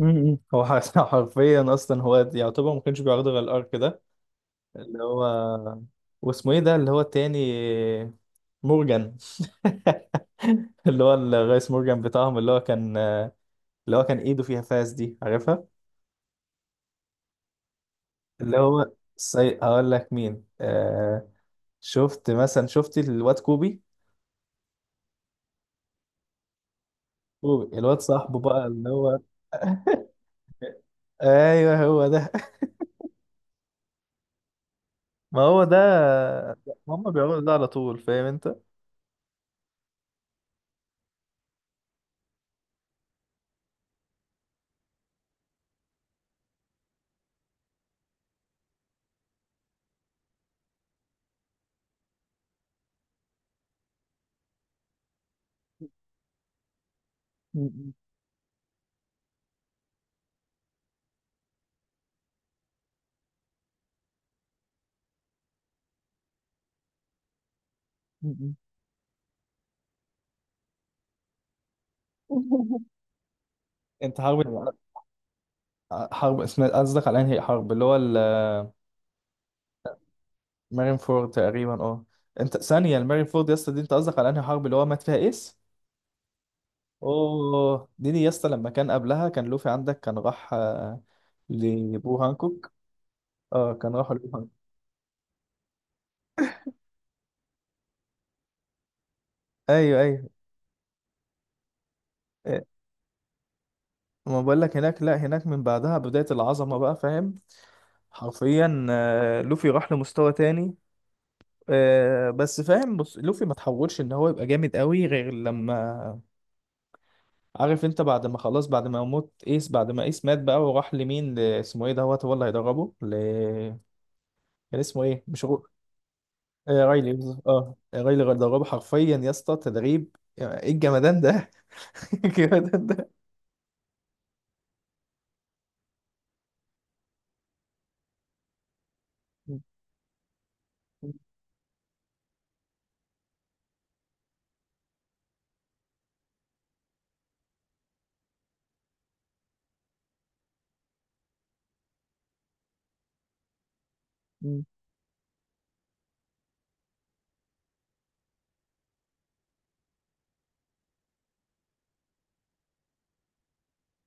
هو حرفيا اصلا هو يعتبر ما كانش بيعرض غير الارك ده، اللي هو. واسمه ايه ده اللي هو التاني؟ مورجان. اللي هو الرئيس مورجان بتاعهم، اللي هو كان، اللي هو كان ايده فيها فاس دي، عارفها؟ اللي هو هقول لك مين، شفت مثلا، شفت الواد كوبي. كوبي الواد صاحبه بقى، اللي هو. ايوه، هو ده. ما هو ده، هم بيعملوا ده على طول، فاهم انت؟ انت حرب؟ حرب اسمها، قصدك على انهي حرب اللي هو؟ المارين فورد تقريبا، اه. انت ثانية، المارين فورد يا اسطى دي؟ انت قصدك على انهي حرب اللي هو مات فيها ايس؟ اوه، دي يا اسطى، لما كان قبلها كان لوفي عندك كان راح لبو هانكوك. اه، كان راح لبو هانكوك. ايوه ايوه. إيه، ما بقول لك هناك، لا، هناك من بعدها بداية العظمة بقى، فاهم. حرفيا لوفي راح لمستوى تاني. بس فاهم، بص، لوفي ما تحولش ان هو يبقى جامد قوي غير لما عارف انت، بعد ما خلاص، بعد ما موت ايس، بعد ما ايس مات بقى وراح لمين، اسمه ايه دوت هو اللي هيدربه كان اسمه ايه، مش رو... آه رايلي، بالظبط. اه رايلي اللي هيدربه حرفيا يا اسطى، تدريب ايه الجمدان ده؟ الجمدان ده. مم.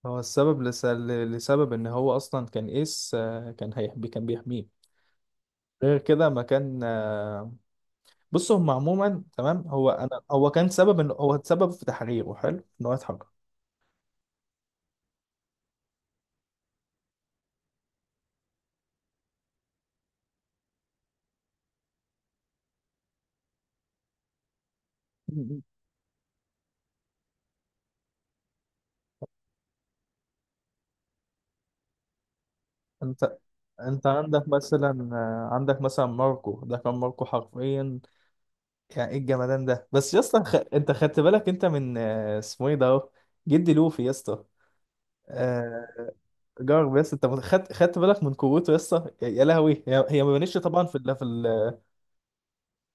هو السبب، لسبب ان هو اصلا كان ايس كان هيحبي، كان بيحميه. غير كده ما كان بص هم عموما تمام. هو انا، هو كان سبب ان هو اتسبب في تحريره، حلو ان هو يتحرر. انت انت عندك مثلا عندك مثلا ماركو ده، كان ماركو حرفيا يعني ايه الجمدان ده بس يا اسطى، انت خدت بالك انت من اسمه ايه ده اهو، جدي لوفي يا اسطى. آه، جارب يا اسطى، انت خدت بالك من قوته يا اسطى، يا لهوي. هي ما بانتش طبعا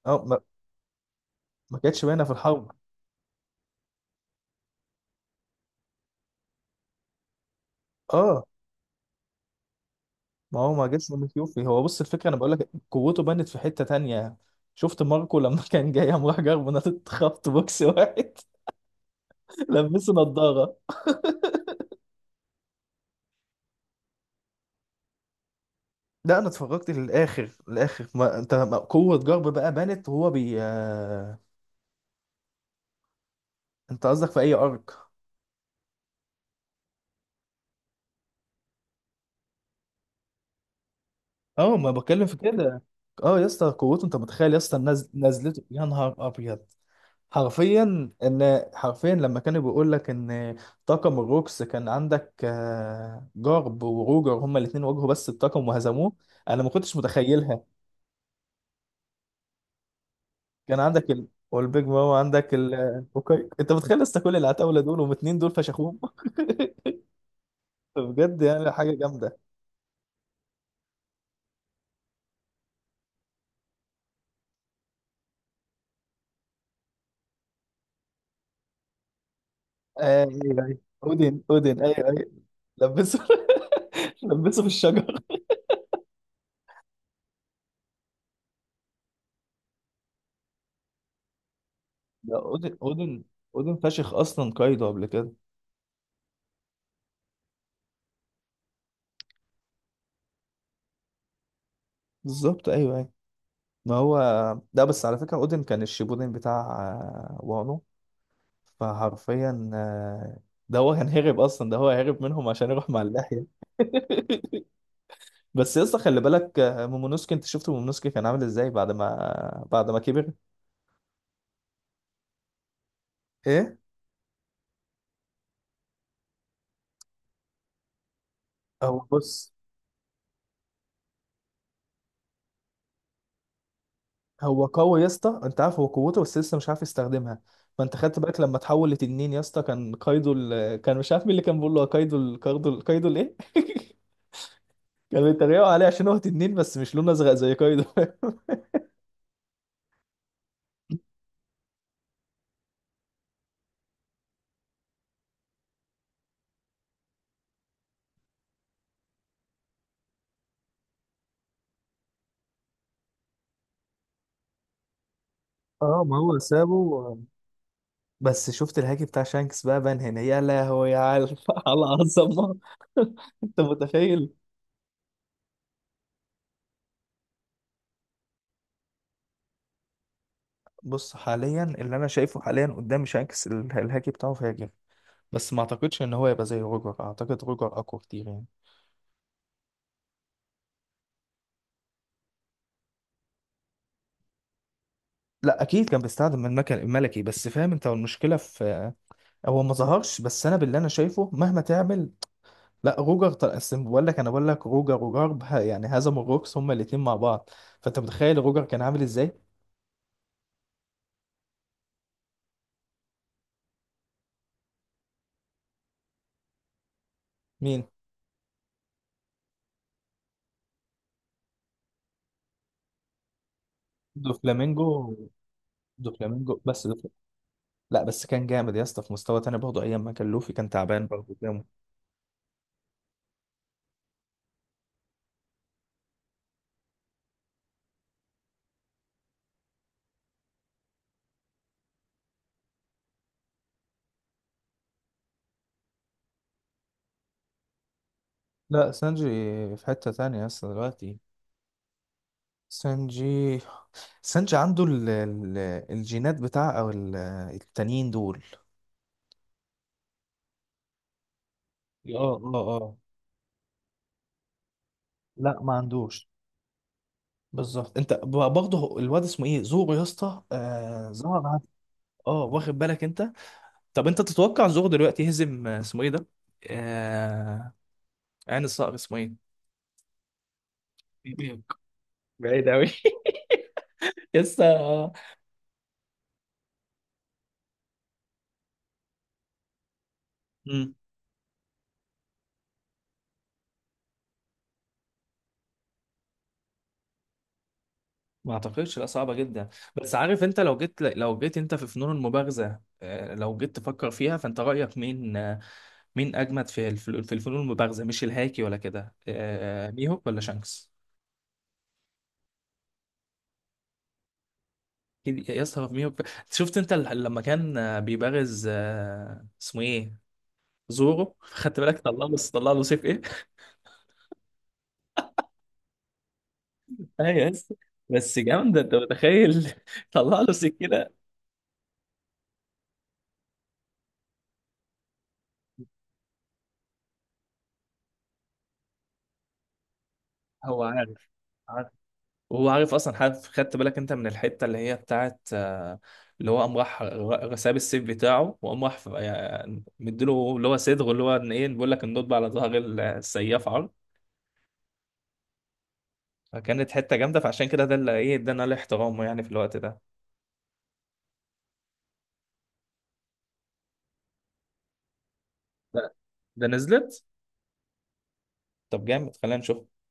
اه ما كانتش باينه في الحرب. اه ما هو ما جاش من لوفي، هو بص الفكره، انا بقول لك قوته بانت في حته تانية. شفت ماركو لما كان جاي قام راح جارب، نطت خبط بوكس واحد. لبسه نضاره. لا، انا اتفرجت للاخر، الاخر ما انت، ما قوه جرب بقى بانت وهو بي انت قصدك في اي ارك؟ اه، ما بتكلم في كده. اه يا اسطى قوته، انت متخيل يا اسطى؟ الناس نزلته، يا نهار ابيض. حرفيا ان، حرفيا لما كانوا بيقول لك ان طاقم الروكس كان عندك جارب وروجر، هما الاثنين واجهوا بس الطاقم وهزموه. انا ما كنتش متخيلها. كان عندك والبيج ماما، عندك أوكي. انت متخيل لسه كل العتاوله دول، واتنين دول فشخوهم. بجد يعني حاجه جامده. ايوه ايوه، اودن اودن، ايوه ايوه. لبسه لبسه في الشجر. ده اودن اودن، اودن فشخ اصلا قايده قبل كده. بالظبط، ايوه ايوه. ما هو ده. بس على فكره اودن كان الشيبودن بتاع وانو. فحرفيا ده هو كان هرب اصلا، ده هو هرب منهم عشان يروح مع اللحيه. بس يا اسطى خلي بالك مومونوسكي، انت شفت مومونوسكي كان عامل ازاي بعد ما كبر؟ ايه. بص هو قوي يا اسطى، انت عارف. هو قوته بس لسه مش عارف يستخدمها. ما انت خدت بالك لما تحول لتنين يا اسطى، كان كايدو كان مش عارف مين اللي كان بيقول له كايدو الايه؟ كان بيتريقوا عليه عشان هو تنين بس مش لونه ازرق زي كايدو. اه ما هو سابه. بس شفت الهاكي بتاع شانكس بقى بان هنا، يا لهوي على على عظمه. انت متخيل. بص حاليا اللي انا شايفه حاليا، قدام شانكس، الهاكي بتاعه فاجر. بس ما اعتقدش ان هو يبقى زي روجر، اعتقد روجر اقوى كتير يعني. لا اكيد كان بيستخدم المكن الملكي، بس فاهم انت المشكله في، هو ما ظهرش، بس انا باللي انا شايفه مهما تعمل، لا روجر أصل بقول لك، روجر وجارب، يعني هزموا الروكس هما الاثنين مع بعض، فانت متخيل روجر كان عامل ازاي. مين؟ دو فلامينجو، دو فلامينجو، بس لا بس كان جامد يا اسطى في مستوى تاني برضه، ايام ما كان لوفي كان تعبان برضه جامد. لا سانجي في حته تانية يا اسطى دلوقتي. سانجي، سانجي عنده الجينات بتاع او التانيين دول. اه اه اه. لا ما عندوش. بالظبط. انت برضه، الواد اسمه ايه زورو يا اسطى، آه، ظهر اه، واخد بالك انت. طب انت تتوقع زورو دلوقتي يهزم اسمه ايه ده، آه... عين الصقر اسمه ايه؟ إيبيك. بعيد قوي. لسه. امم ما اعتقدش، لا صعبه جدا. بس عارف انت، لو جيت، لو جيت انت في فنون المبارزه لو جيت تفكر فيها، فانت رايك مين مين اجمد في الفنون المبارزه، مش الهاكي ولا كده، ميهوك ولا شانكس؟ أكيد يا اسطى فابينيو شفت انت لما كان بيبارز اسمه ايه، زورو، خدت بالك؟ طلع له سيف ايه. ايوه يا اسطى. بس جامده انت متخيل، طلع له سكينه. هو عارف، عارف، وهو عارف اصلا عارف. خدت بالك انت من الحته اللي هي بتاعت اللي هو قام راح ساب السيف بتاعه وقام راح يعني مديله اللي هو صدغه، اللي هو ان ايه بيقول لك النطبه على ظهر السياف عرض. فكانت حته جامده، فعشان كده ده اللي ايه، ادانا له احترامه يعني في الوقت ده. ده ده نزلت؟ طب جامد، خلينا نشوف.